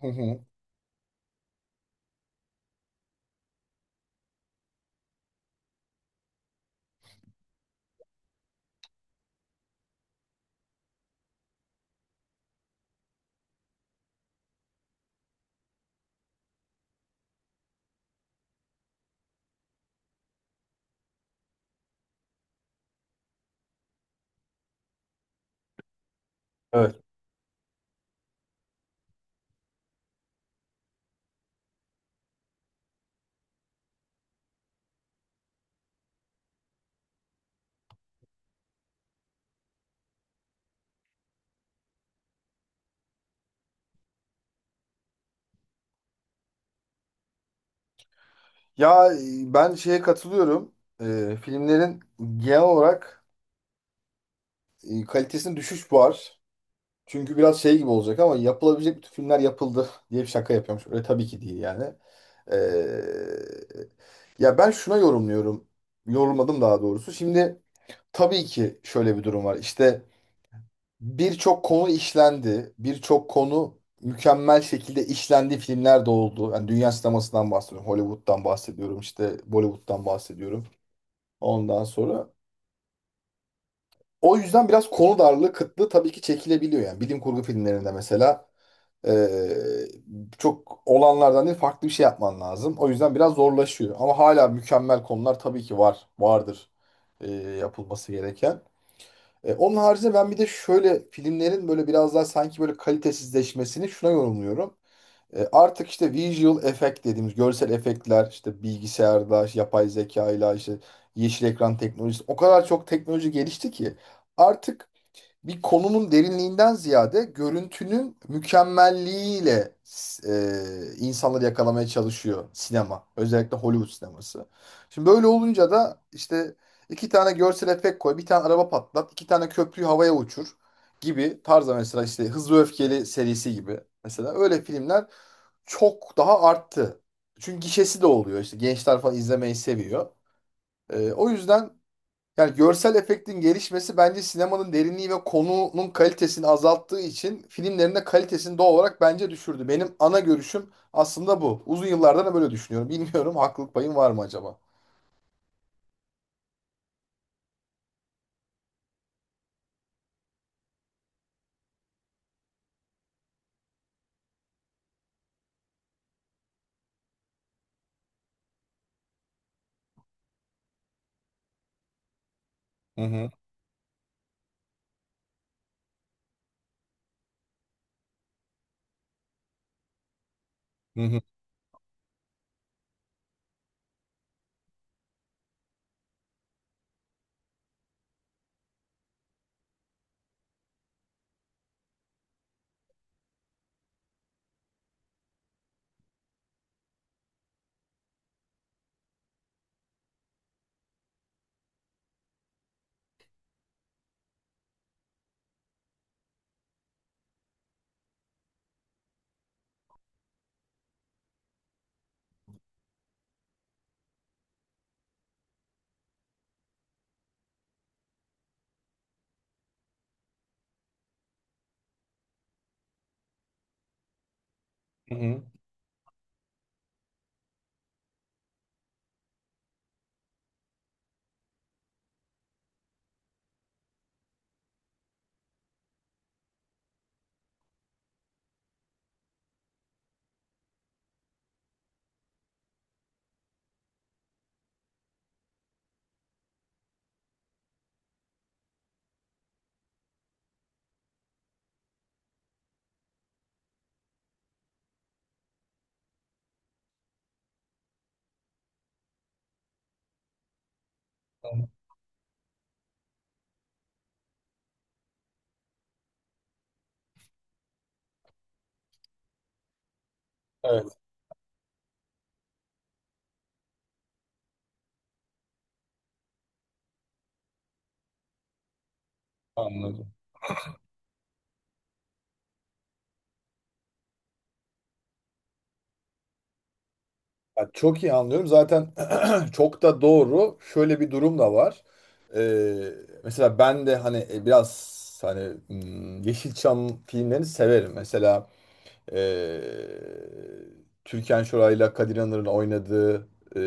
Hı hı. Evet. Ya ben şeye katılıyorum. Filmlerin genel olarak kalitesinde düşüş var. Çünkü biraz şey gibi olacak ama yapılabilecek bütün filmler yapıldı diye bir şaka yapıyormuş. Öyle tabii ki değil yani. E, ya ben şuna yorumluyorum. Yorumladım daha doğrusu. Şimdi tabii ki şöyle bir durum var. İşte birçok konu işlendi. Birçok konu mükemmel şekilde işlendiği filmler de oldu. Yani dünya sinemasından bahsediyorum. Hollywood'dan bahsediyorum. İşte Bollywood'dan bahsediyorum. Ondan sonra o yüzden biraz konu darlığı, kıtlığı tabii ki çekilebiliyor yani. Bilim kurgu filmlerinde mesela eee, çok olanlardan değil farklı bir şey yapman lazım. O yüzden biraz zorlaşıyor. Ama hala mükemmel konular tabii ki var, vardır eee, yapılması gereken. Onun haricinde ben bir de şöyle filmlerin böyle biraz daha sanki böyle kalitesizleşmesini şuna yorumluyorum. Artık işte visual effect dediğimiz görsel efektler işte bilgisayarda, işte yapay zekayla, işte yeşil ekran teknolojisi o kadar çok teknoloji gelişti ki artık bir konunun derinliğinden ziyade görüntünün mükemmelliğiyle insanları yakalamaya çalışıyor sinema. Özellikle Hollywood sineması. Şimdi böyle olunca da işte iki tane görsel efekt koy, bir tane araba patlat, iki tane köprüyü havaya uçur gibi tarzda mesela işte Hızlı ve Öfkeli serisi gibi. Mesela öyle filmler çok daha arttı. Çünkü gişesi de oluyor işte gençler falan izlemeyi seviyor. O yüzden yani görsel efektin gelişmesi bence sinemanın derinliği ve konunun kalitesini azalttığı için filmlerin de kalitesini doğal olarak bence düşürdü. Benim ana görüşüm aslında bu. Uzun yıllardan da böyle düşünüyorum. Bilmiyorum haklılık payım var mı acaba? Hı hı, hı hı, hı hı. Evet, anladım. Ya çok iyi anlıyorum. Zaten çok da doğru. Şöyle bir durum da var. Ee, mesela ben de hani biraz hani Yeşilçam filmlerini severim. Mesela Ee, Türkan Şoray'la Kadir İnanır'ın oynadığı e,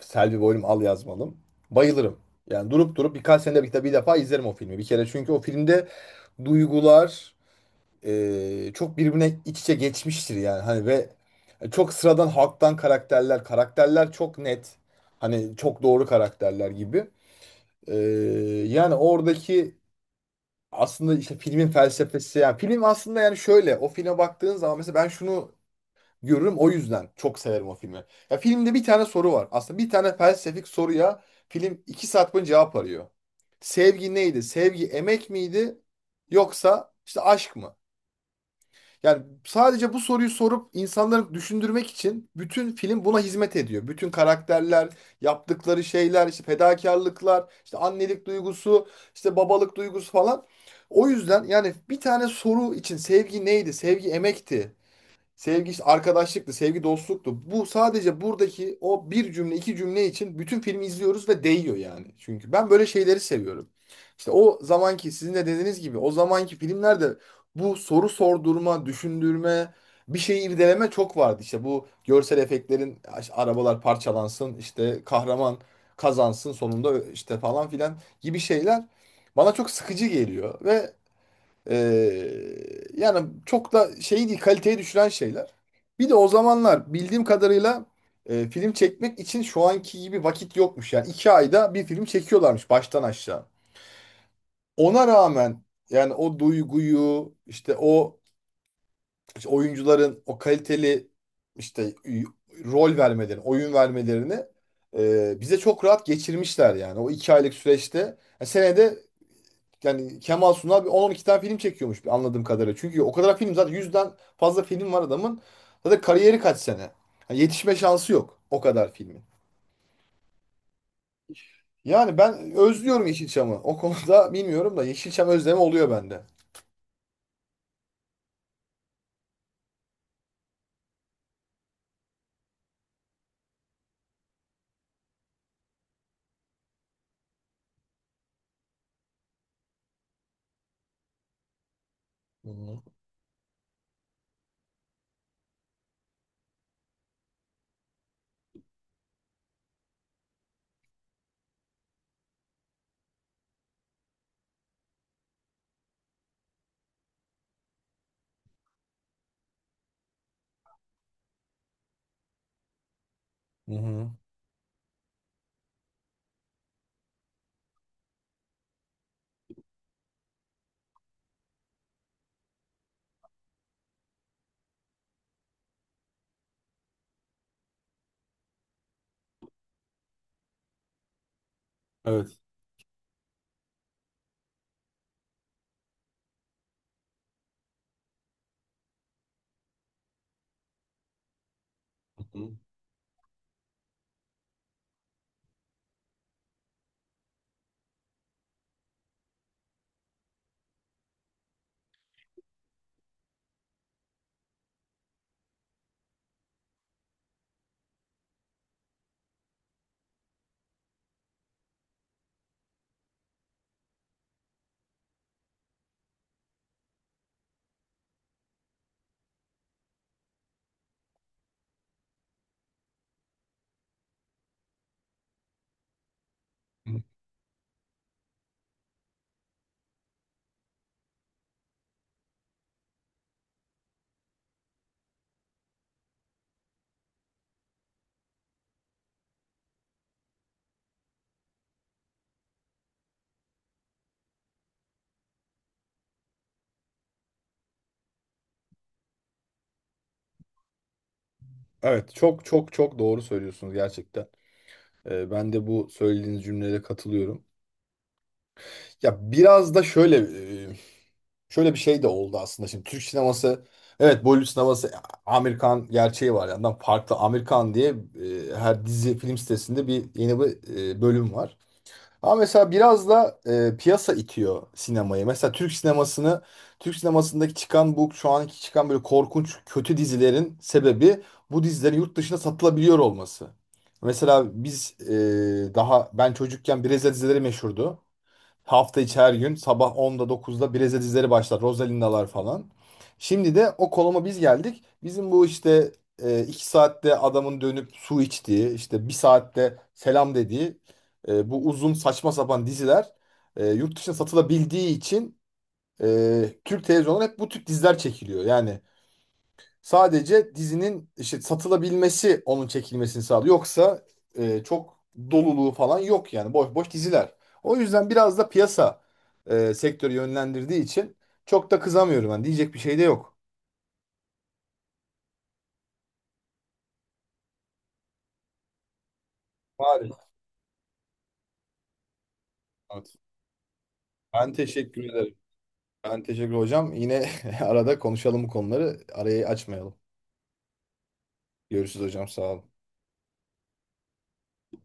Selvi Boylum Al Yazmalım. Bayılırım. Yani durup durup birkaç senede bir, bir defa izlerim o filmi. Bir kere çünkü o filmde duygular e, çok birbirine iç içe geçmiştir yani. Hani ve çok sıradan halktan karakterler, karakterler çok net. Hani çok doğru karakterler gibi. Ee, yani oradaki aslında işte filmin felsefesi yani film aslında yani şöyle o filme baktığın zaman mesela ben şunu görürüm. O yüzden çok severim o filmi. Ya filmde bir tane soru var. Aslında bir tane felsefik soruya film 2 saat boyunca cevap arıyor. Sevgi neydi? Sevgi emek miydi? Yoksa işte aşk mı? Yani sadece bu soruyu sorup insanları düşündürmek için bütün film buna hizmet ediyor. Bütün karakterler, yaptıkları şeyler, işte fedakarlıklar, işte annelik duygusu, işte babalık duygusu falan. O yüzden yani bir tane soru için sevgi neydi? Sevgi emekti. Sevgi işte arkadaşlıktı, sevgi dostluktu. Bu sadece buradaki o bir cümle, iki cümle için bütün filmi izliyoruz ve değiyor yani. Çünkü ben böyle şeyleri seviyorum. İşte o zamanki sizin de dediğiniz gibi o zamanki filmlerde bu soru sordurma, düşündürme, bir şeyi irdeleme çok vardı. İşte bu görsel efektlerin işte arabalar parçalansın, işte kahraman kazansın sonunda işte falan filan gibi şeyler bana çok sıkıcı geliyor ve ee, yani çok da şey değil, kaliteyi düşüren şeyler. Bir de o zamanlar bildiğim kadarıyla film çekmek için şu anki gibi vakit yokmuş. Yani 2 ayda bir film çekiyorlarmış baştan aşağı. Ona rağmen yani o duyguyu işte o işte oyuncuların o kaliteli işte rol vermelerini, oyun vermelerini bize çok rahat geçirmişler yani. O 2 aylık süreçte yani senede yani Kemal Sunal bir 10-12 tane film çekiyormuş bir anladığım kadarıyla. Çünkü o kadar film zaten 100'den fazla film var adamın. Zaten kariyeri kaç sene. Yani yetişme şansı yok o kadar filmin. Yani ben özlüyorum Yeşilçam'ı. O konuda bilmiyorum da Yeşilçam özlemi oluyor bende. Hı hı. Hı hı. Evet. Hı hı. Evet, çok çok çok doğru söylüyorsunuz gerçekten. Ben de bu söylediğiniz cümlelere katılıyorum. Ya biraz da şöyle bir şey de oldu aslında. Şimdi Türk sineması evet Bollywood sineması Amerikan gerçeği var. Yandan farklı Amerikan diye her dizi film sitesinde bir yeni bir bölüm var. Ama mesela biraz da piyasa itiyor sinemayı. Mesela Türk sinemasındaki çıkan bu şu anki çıkan böyle korkunç kötü dizilerin sebebi bu dizilerin yurt dışına satılabiliyor olması. Mesela biz daha ben çocukken Brezilya dizileri meşhurdu. Hafta içi her gün sabah 10'da 9'da Breze dizileri başlar. Rosalinda'lar falan. Şimdi de o konuma biz geldik. Bizim bu işte 2 saatte adamın dönüp su içtiği, işte 1 saatte selam dediği bu uzun saçma sapan diziler yurt dışına satılabildiği için Türk televizyonları hep bu tip diziler çekiliyor. Yani sadece dizinin işte satılabilmesi onun çekilmesini sağlıyor. Yoksa çok doluluğu falan yok yani boş boş diziler. O yüzden biraz da piyasa sektörü yönlendirdiği için çok da kızamıyorum ben. Diyecek bir şey de yok. Maalesef. Evet. Ben teşekkür ederim. Ben teşekkür hocam. Yine arada konuşalım bu konuları. Arayı açmayalım. Görüşürüz hocam. Sağ olun.